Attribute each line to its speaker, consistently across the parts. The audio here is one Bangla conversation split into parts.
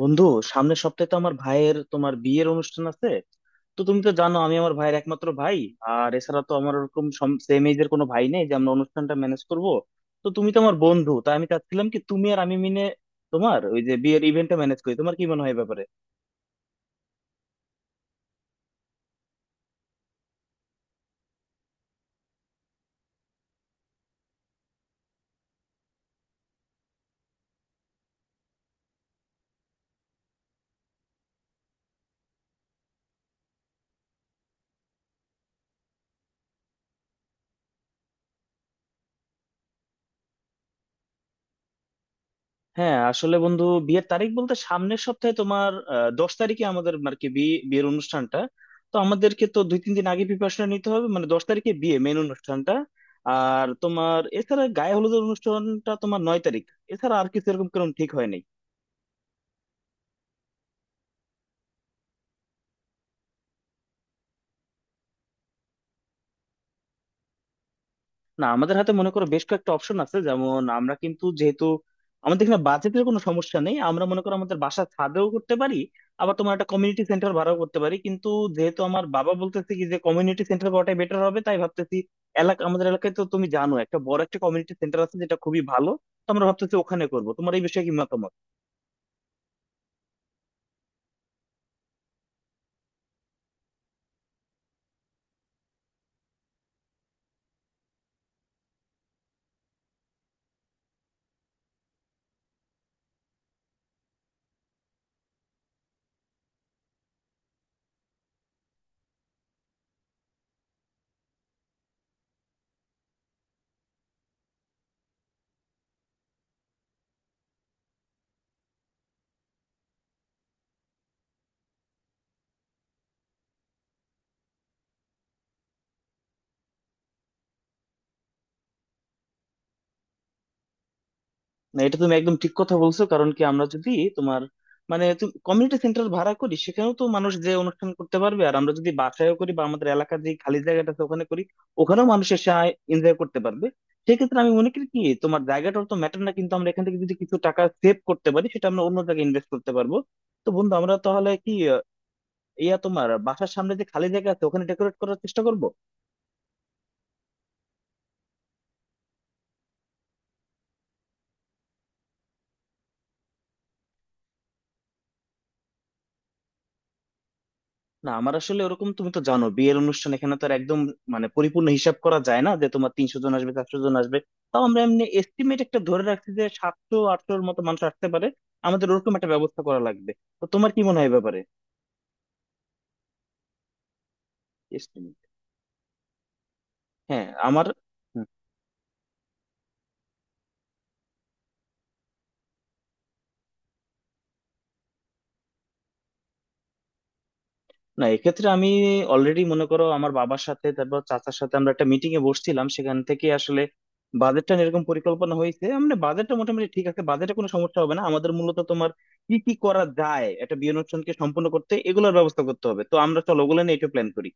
Speaker 1: বন্ধু, সামনের সপ্তাহে তো আমার ভাইয়ের তোমার বিয়ের অনুষ্ঠান আছে। তো তুমি তো জানো, আমি আমার ভাইয়ের একমাত্র ভাই। আর এছাড়া তো আমার ওরকম সেম এজের কোনো ভাই নেই যে আমরা অনুষ্ঠানটা ম্যানেজ করব। তো তুমি তো আমার বন্ধু, তাই আমি চাচ্ছিলাম কি তুমি আর আমি মিলে তোমার ওই যে বিয়ের ইভেন্টটা ম্যানেজ করি। তোমার কি মনে হয় এ ব্যাপারে? হ্যাঁ আসলে বন্ধু, বিয়ের তারিখ বলতে সামনের সপ্তাহে তোমার 10 তারিখে আমাদের আর কি বিয়ের অনুষ্ঠানটা। তো আমাদেরকে তো দুই তিন দিন আগে প্রিপারেশন নিতে হবে, মানে 10 তারিখে বিয়ে মেন অনুষ্ঠানটা। আর তোমার এছাড়া গায়ে হলুদের অনুষ্ঠানটা তোমার 9 তারিখ। এছাড়া আর কিছু এরকম কোনো ঠিক হয়নি। না, আমাদের হাতে মনে করো বেশ কয়েকটা অপশন আছে। যেমন আমরা কিন্তু, যেহেতু আমাদের এখানে বাজেটের কোনো সমস্যা নেই, আমরা মনে করো আমাদের বাসা ছাদেও করতে পারি, আবার তোমার একটা কমিউনিটি সেন্টার ভাড়াও করতে পারি। কিন্তু যেহেতু আমার বাবা বলতেছে কি যে কমিউনিটি সেন্টার করাটাই বেটার হবে, তাই ভাবতেছি এলাকা, আমাদের এলাকায় তো তুমি জানো একটা বড় একটা কমিউনিটি সেন্টার আছে যেটা খুবই ভালো। তো আমরা ভাবতেছি ওখানে করবো। তোমার এই বিষয়ে কি মতামত? না, এটা তুমি একদম ঠিক কথা বলছো। কারণ কি, আমরা যদি তোমার মানে কমিউনিটি সেন্টার ভাড়া করি সেখানেও তো মানুষ যে অনুষ্ঠান করতে পারবে, আর আমরা যদি বাসায়ও করি বা আমাদের এলাকার যে খালি জায়গাটা আছে ওখানে করি, ওখানেও মানুষ এসে এনজয় করতে পারবে। সেক্ষেত্রে আমি মনে করি কি তোমার জায়গাটা তো ম্যাটার না, কিন্তু আমরা এখান থেকে যদি কিছু টাকা সেভ করতে পারি সেটা আমরা অন্য জায়গায় ইনভেস্ট করতে পারবো। তো বন্ধু, আমরা তাহলে কি ইয়া, তোমার বাসার সামনে যে খালি জায়গা আছে ওখানে ডেকোরেট করার চেষ্টা করব। না, আমার আসলে ওরকম, তুমি তো জানো বিয়ের অনুষ্ঠান এখানে তো আর একদম মানে পরিপূর্ণ হিসাব করা যায় না যে তোমার 300 জন আসবে 400 জন আসবে। তাও আমরা এমনি এস্টিমেট একটা ধরে রাখছি যে 700-800র মতো মানুষ আসতে পারে। আমাদের ওরকম একটা ব্যবস্থা করা লাগবে। তো তোমার কি মনে হয় এ ব্যাপারে এস্টিমেট? হ্যাঁ আমার। না, এক্ষেত্রে আমি অলরেডি মনে করো আমার বাবার সাথে, তারপর চাচার সাথে আমরা একটা মিটিং এ বসছিলাম, সেখান থেকে আসলে বাজেটটা এরকম পরিকল্পনা হয়েছে। মানে বাজেটটা মোটামুটি ঠিক আছে, বাজেটে কোনো সমস্যা হবে না আমাদের। মূলত তোমার কি কি করা যায় একটা বিয়ে অনুষ্ঠানকে সম্পূর্ণ করতে এগুলোর ব্যবস্থা করতে হবে। তো আমরা চলো ওগুলো নিয়ে একটু প্ল্যান করি।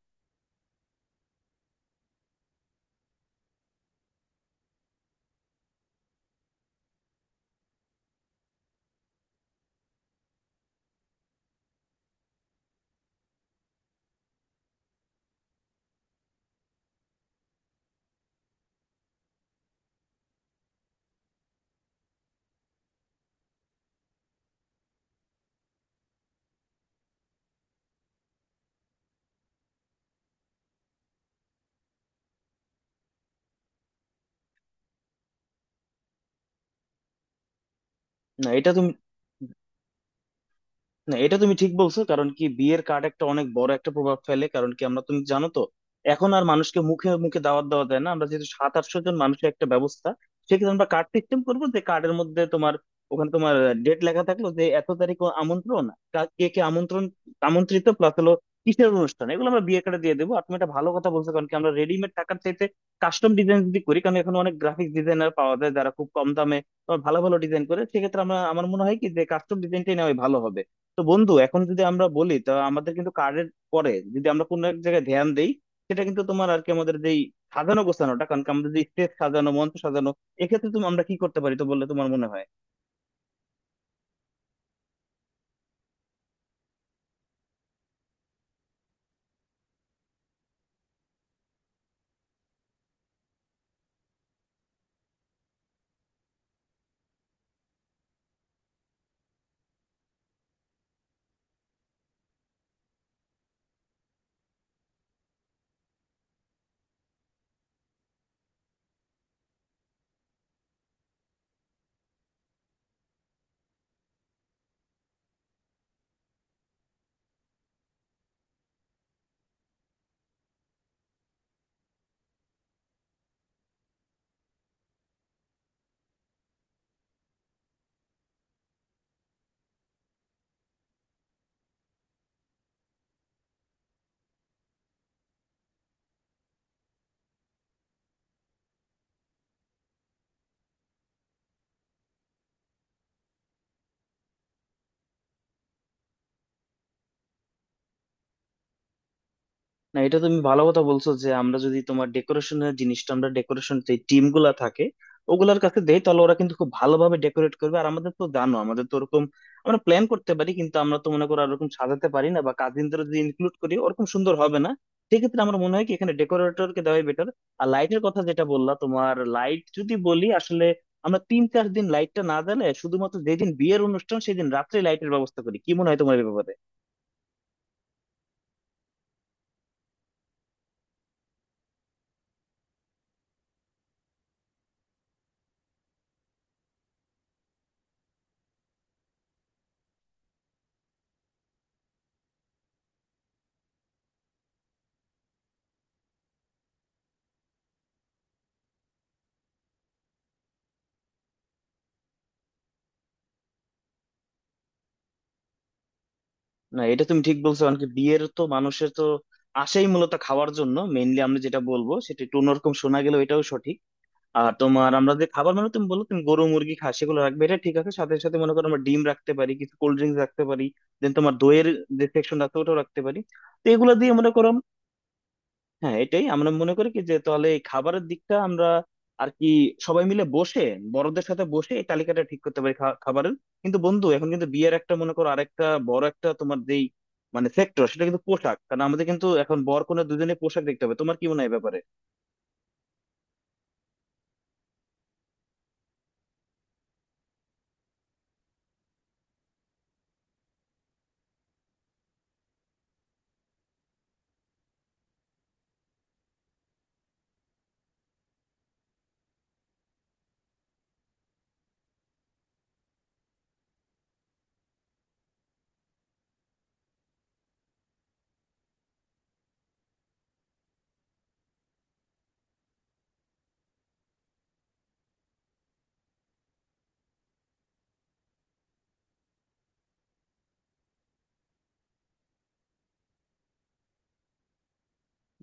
Speaker 1: না এটা তুমি না, এটা তুমি ঠিক বলছো। কারণ কি বিয়ের কার্ড একটা অনেক বড় একটা প্রভাব ফেলে। কারণ কি আমরা, তুমি জানো তো, এখন আর মানুষকে মুখে মুখে দাওয়াত দেওয়া যায় না। আমরা যেহেতু 700-800 জন মানুষের একটা ব্যবস্থা, সেক্ষেত্রে আমরা কার্ড সিস্টেম করবো, যে কার্ডের মধ্যে তোমার ওখানে তোমার ডেট লেখা থাকলো যে এত তারিখ ও আমন্ত্রণ, কে কে আমন্ত্রিত প্লাস হলো কিসের অনুষ্ঠান, এগুলো আমরা বিয়ে কার্ডে দিয়ে দেবো। আর তুমি একটা ভালো কথা বলছো, কারণ কি আমরা রেডিমেড টাকার চাইতে কাস্টম ডিজাইন যদি করি, কারণ এখন অনেক গ্রাফিক ডিজাইনার পাওয়া যায় যারা খুব কম দামে তোমার ভালো ভালো ডিজাইন করে। সেক্ষেত্রে আমরা আমার মনে হয় কি যে কাস্টম ডিজাইনটাই নেওয়াই ভালো হবে। তো বন্ধু এখন যদি আমরা বলি, তা আমাদের কিন্তু কার্ডের পরে যদি আমরা কোনো এক জায়গায় ধ্যান দেই, সেটা কিন্তু তোমার আর কি আমাদের যেই সাজানো গোছানোটা, কারণ কি আমাদের যে স্টেজ সাজানো মঞ্চ সাজানো। এক্ষেত্রে তুমি আমরা কি করতে পারি তো বললে তোমার মনে হয়? না, এটা তুমি ভালো কথা বলছো যে আমরা যদি তোমার ডেকোরেশনের জিনিসটা আমরা ডেকোরেশন যে টিম গুলা থাকে ওগুলার কাছে দেই, তাহলে ওরা কিন্তু খুব ভালোভাবে ডেকোরেট করবে। আর আমাদের তো জানো আমাদের তো ওরকম আমরা প্ল্যান করতে পারি, কিন্তু আমরা তো মনে করো আর ওরকম সাজাতে পারি না, বা কাজিনদের যদি ইনক্লুড করি ওরকম সুন্দর হবে না। সেক্ষেত্রে আমার মনে হয় কি এখানে ডেকোরেটরকে দেওয়াই বেটার। আর লাইটের কথা যেটা বললা তোমার, লাইট যদি বলি আসলে আমরা তিন চার দিন লাইটটা না দিলে শুধুমাত্র যেদিন বিয়ের অনুষ্ঠান সেদিন রাত্রে লাইটের ব্যবস্থা করি, কি মনে হয় তোমার এই ব্যাপারে? না, এটা তুমি ঠিক বলছো। কারণ কি বিয়ের তো মানুষের তো আসেই মূলত খাওয়ার জন্য মেইনলি। আমরা যেটা বলবো সেটা একটু অন্যরকম শোনা গেল, এটাও সঠিক। আর তোমার আমরা যে খাবার মানে তুমি বললো তুমি গরু মুরগি খা, সেগুলো রাখবে এটা ঠিক আছে। সাথে সাথে মনে করো আমরা ডিম রাখতে পারি, কিছু কোল্ড ড্রিঙ্কস রাখতে পারি, দেন তোমার দইয়ের যে সেকশন আছে ওটাও রাখতে পারি। তো এগুলো দিয়ে মনে করো, হ্যাঁ এটাই আমরা মনে করি কি যে তাহলে এই খাবারের দিকটা আমরা আর কি সবাই মিলে বসে, বড়দের সাথে বসে এই তালিকাটা ঠিক করতে পারি খাবারের। কিন্তু বন্ধু এখন কিন্তু বিয়ের একটা মনে করো আরেকটা বড় একটা তোমার যেই মানে সেক্টর সেটা কিন্তু পোশাক, কারণ আমাদের কিন্তু এখন বর কনে দুজনে পোশাক দেখতে হবে। তোমার কি মনে হয় এই ব্যাপারে?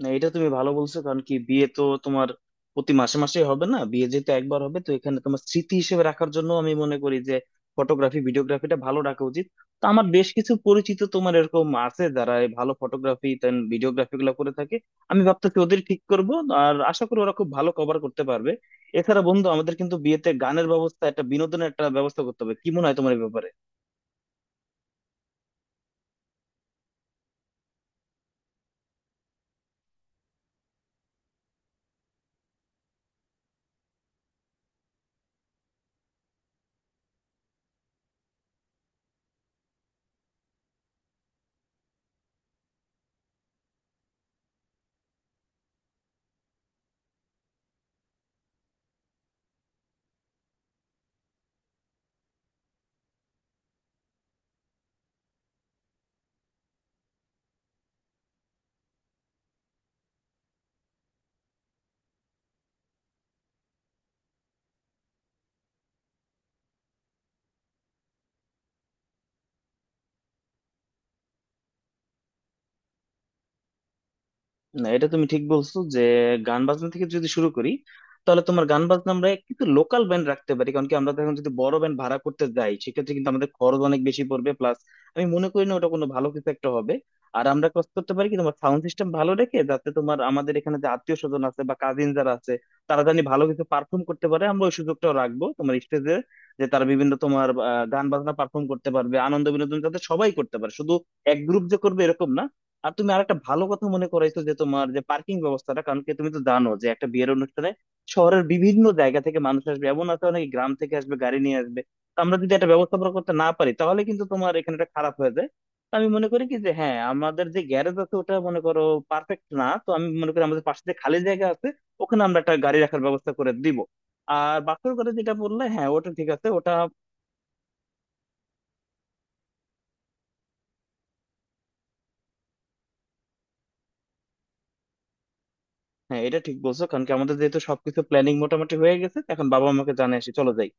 Speaker 1: না, এটা তুমি ভালো বলছো। কারণ কি বিয়ে তো তোমার প্রতি মাসে মাসে হবে না, বিয়ে যেহেতু একবার হবে, তো এখানে তোমার স্মৃতি হিসেবে রাখার জন্য আমি মনে করি যে ফটোগ্রাফি ভিডিওগ্রাফিটা ভালো রাখা উচিত। তো আমার বেশ কিছু পরিচিত তোমার এরকম আছে যারা এই ভালো ফটোগ্রাফি দেন ভিডিওগ্রাফি গুলো করে থাকে। আমি ভাবতেছি ওদের ঠিক করব, আর আশা করি ওরা খুব ভালো কভার করতে পারবে। এছাড়া বন্ধু আমাদের কিন্তু বিয়েতে গানের ব্যবস্থা একটা, বিনোদনের একটা ব্যবস্থা করতে হবে। কি মনে হয় তোমার এই ব্যাপারে? না, এটা তুমি ঠিক বলছো যে গান বাজনা থেকে যদি শুরু করি, তাহলে তোমার গান বাজনা আমরা কিন্তু লোকাল ব্যান্ড রাখতে পারি। কারণ কি আমরা তো এখন যদি বড় ব্যান্ড ভাড়া করতে যাই সেক্ষেত্রে কিন্তু আমাদের খরচ অনেক বেশি পড়বে, প্লাস আমি মনে করি না ওটা কোনো ভালো কিছু একটা হবে। আর আমরা কাজ করতে পারি কি তোমার সাউন্ড সিস্টেম ভালো রেখে, যাতে তোমার আমাদের এখানে যে আত্মীয় স্বজন আছে বা কাজিন যারা আছে তারা জানি ভালো কিছু পারফর্ম করতে পারে, আমরা ওই সুযোগটাও রাখবো তোমার স্টেজে যে তারা বিভিন্ন তোমার গান বাজনা পারফর্ম করতে পারবে, আনন্দ বিনোদন যাতে সবাই করতে পারে, শুধু এক গ্রুপ যে করবে এরকম না। আর তুমি আরেকটা ভালো কথা মনে করাইছো যে তোমার যে পার্কিং ব্যবস্থাটা, কারণ কি তুমি তো জানো যে একটা বিয়ের অনুষ্ঠানে শহরের বিভিন্ন জায়গা থেকে মানুষ আসবে, এমন আছে অনেকে গ্রাম থেকে আসবে গাড়ি নিয়ে আসবে। তো আমরা যদি একটা ব্যবস্থাপনা করতে না পারি তাহলে কিন্তু তোমার এখানে একটা খারাপ হয়ে যায়। তো আমি মনে করি কি যে হ্যাঁ আমাদের যে গ্যারেজ আছে ওটা মনে করো পারফেক্ট না। তো আমি মনে করি আমাদের পাশে যে খালি জায়গা আছে ওখানে আমরা একটা গাড়ি রাখার ব্যবস্থা করে দিব। আর বাসের কথা যেটা বললে, হ্যাঁ ওটা ঠিক আছে ওটা। হ্যাঁ, এটা ঠিক বলছো। কারণ কি আমাদের যেহেতু সবকিছু প্ল্যানিং মোটামুটি হয়ে গেছে, এখন বাবা মাকে জানিয়ে আসি, চলো যাই।